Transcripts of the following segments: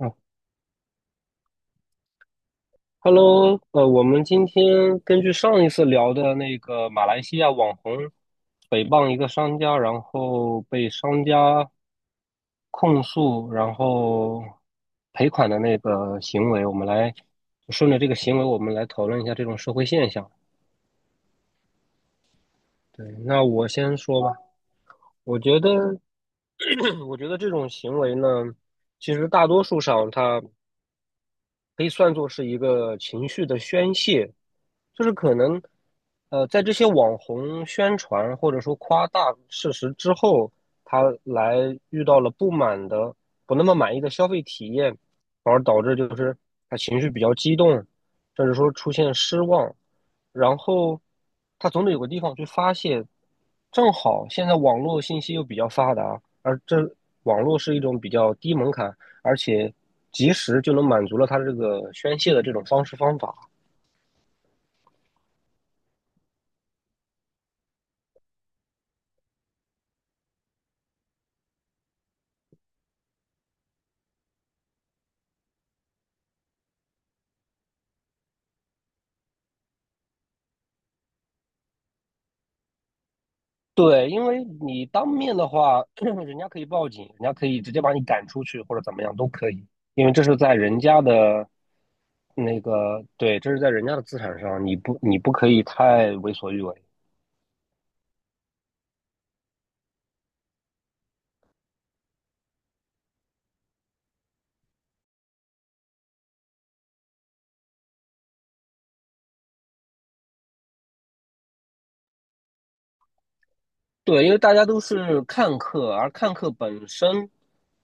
嗯，Hello，我们今天根据上一次聊的那个马来西亚网红诽谤一个商家，然后被商家控诉，然后赔款的那个行为，我们来顺着这个行为，我们来讨论一下这种社会现象。对，那我先说吧，我觉得，我觉得这种行为呢，其实大多数上它。可以算作是一个情绪的宣泄，就是可能，在这些网红宣传或者说夸大事实之后，他来遇到了不满的、不那么满意的消费体验，反而导致就是他情绪比较激动，甚至说出现失望，然后他总得有个地方去发泄。正好现在网络信息又比较发达，而这网络是一种比较低门槛。而且及时就能满足了他这个宣泄的这种方式方法。对，因为你当面的话，人家可以报警，人家可以直接把你赶出去或者怎么样都可以，因为这是在人家的那个，对，这是在人家的资产上，你不可以太为所欲为。对，因为大家都是看客，而看客本身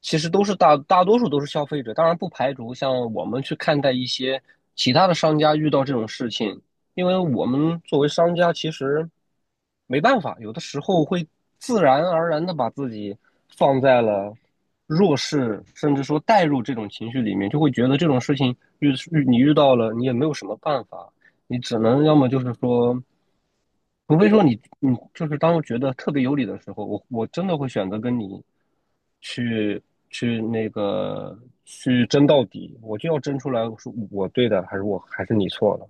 其实都是大多数都是消费者，当然不排除像我们去看待一些其他的商家遇到这种事情，因为我们作为商家其实没办法，有的时候会自然而然的把自己放在了弱势，甚至说带入这种情绪里面，就会觉得这种事情你遇到了，你也没有什么办法，你只能要么就是说。除非说你，你就是当我觉得特别有理的时候，我真的会选择跟你去去那个去争到底，我就要争出来，是我对的，还是我还是你错了？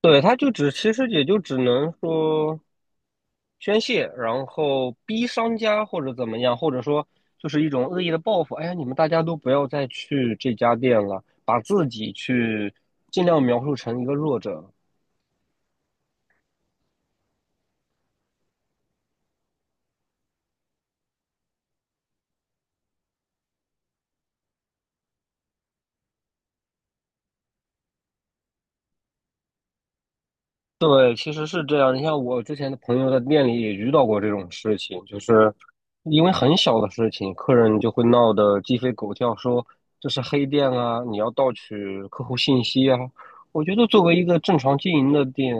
对，他就只其实也就只能说宣泄，然后逼商家或者怎么样，或者说就是一种恶意的报复。哎呀，你们大家都不要再去这家店了，把自己去尽量描述成一个弱者，对，其实是这样。你像我之前的朋友在店里也遇到过这种事情，就是因为很小的事情，客人就会闹得鸡飞狗跳，说这是黑店啊，你要盗取客户信息啊。我觉得作为一个正常经营的店，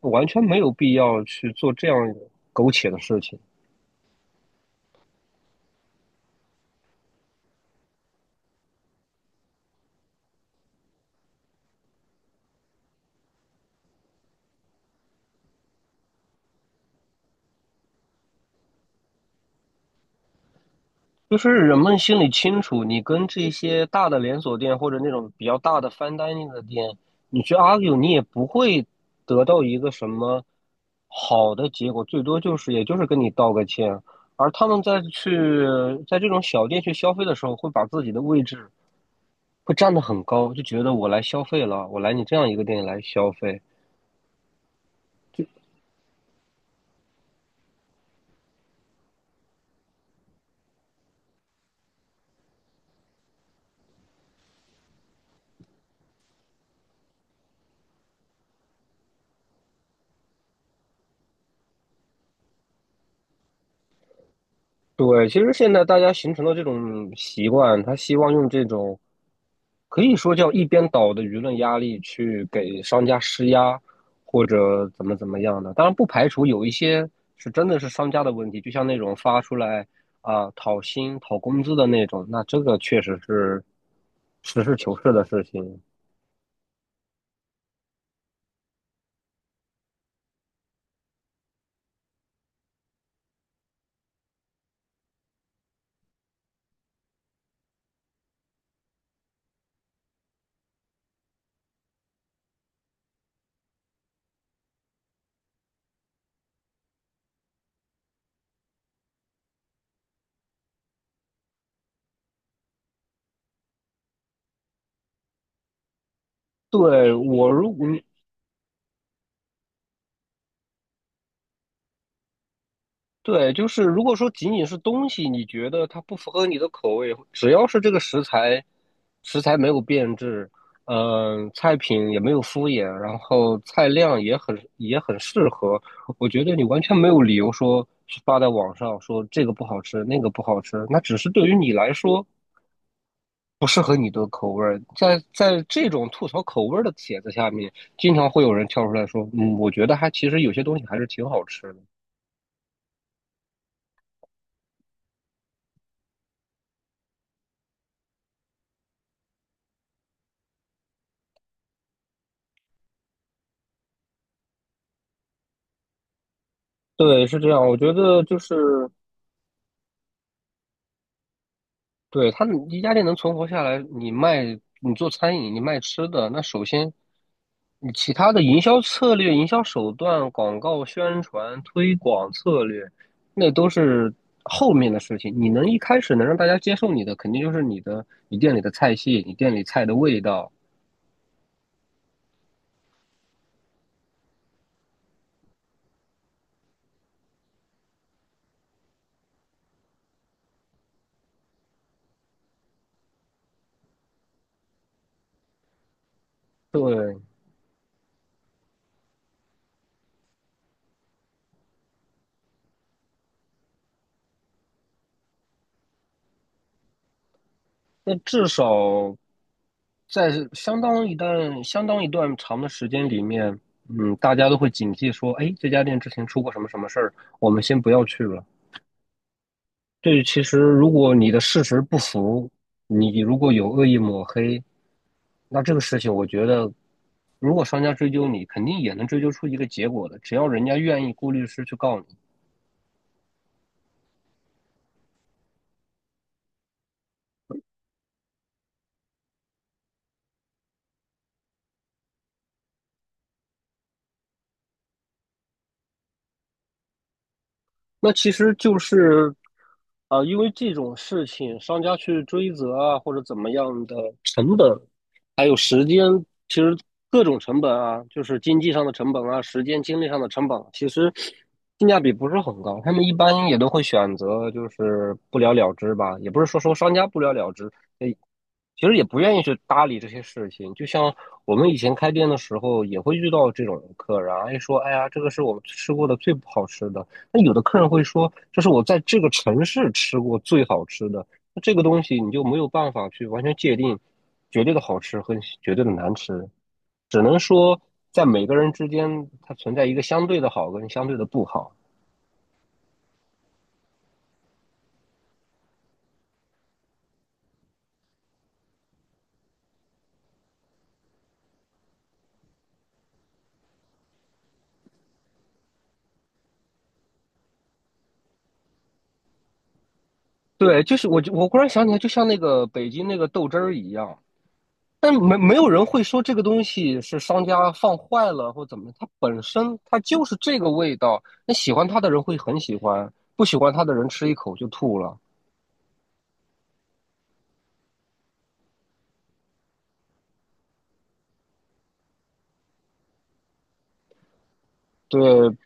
完全没有必要去做这样苟且的事情。就是人们心里清楚，你跟这些大的连锁店或者那种比较大的 fine dining 的店，你去 argue，你也不会得到一个什么好的结果，最多就是也就是跟你道个歉。而他们在这种小店去消费的时候，会把自己的位置会站得很高，就觉得我来消费了，我来你这样一个店里来消费。对，其实现在大家形成的这种习惯，他希望用这种可以说叫一边倒的舆论压力去给商家施压，或者怎么怎么样的。当然，不排除有一些是真的是商家的问题，就像那种发出来啊、讨薪、讨工资的那种，那这个确实是实事求是的事情。对，我如果对，就是如果说仅仅是东西，你觉得它不符合你的口味，只要是这个食材，食材没有变质，嗯、菜品也没有敷衍，然后菜量也很适合，我觉得你完全没有理由说是发在网上说这个不好吃，那个不好吃，那只是对于你来说不适合你的口味儿。在这种吐槽口味儿的帖子下面，经常会有人跳出来说，嗯，我觉得还其实有些东西还是挺好吃的。对，是这样。我觉得就是对，他们一家店能存活下来，你卖，你做餐饮，你卖吃的，那首先你其他的营销策略、营销手段、广告宣传、推广策略，那都是后面的事情。你能一开始能让大家接受你的，肯定就是你店里的菜系，你店里菜的味道。对，那至少在相当一段、相当一段长的时间里面，嗯，大家都会警惕说，哎，这家店之前出过什么什么事儿，我们先不要去了。对，其实如果你的事实不符，你如果有恶意抹黑，那这个事情我觉得，如果商家追究你，肯定也能追究出一个结果的，只要人家愿意雇律师去告你。那其实就是，因为这种事情，商家去追责啊，或者怎么样的成本，还有时间，其实各种成本啊，就是经济上的成本啊，时间精力上的成本，其实性价比不是很高。他们一般也都会选择就是不了了之吧，也不是说商家不了了之，呃，其实也不愿意去搭理这些事情。就像我们以前开店的时候，也会遇到这种客人啊，哎说，哎呀，这个是我们吃过的最不好吃的。那有的客人会说，这是我在这个城市吃过最好吃的。这个东西你就没有办法去完全界定绝对的好吃和绝对的难吃，只能说在每个人之间它存在一个相对的好跟相对的不好。对，就是我忽然想起来，就像那个北京那个豆汁儿一样，但没有人会说这个东西是商家放坏了或怎么，它本身它就是这个味道，那喜欢它的人会很喜欢，不喜欢它的人吃一口就吐了。对，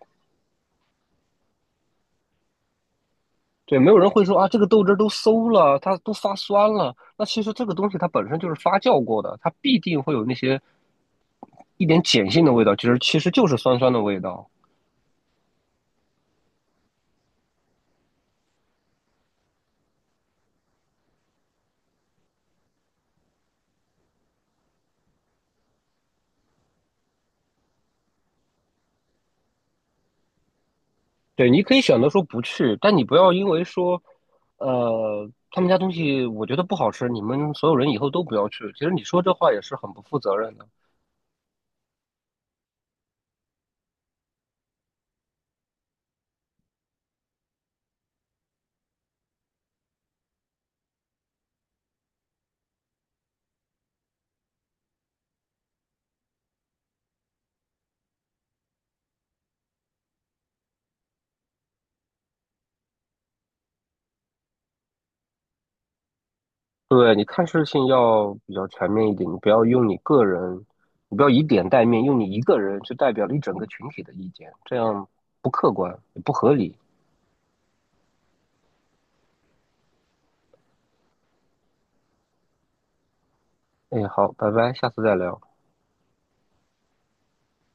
对，没有人会说啊，这个豆汁儿都馊了，它都发酸了。那其实这个东西它本身就是发酵过的，它必定会有那些一点碱性的味道，其实就是酸酸的味道。对，你可以选择说不去，但你不要因为说，他们家东西我觉得不好吃，你们所有人以后都不要去。其实你说这话也是很不负责任的。对，你看事情要比较全面一点，你不要用你个人，你不要以点带面，用你一个人去代表了一整个群体的意见，这样不客观也不合理。哎，好，拜拜，下次再聊。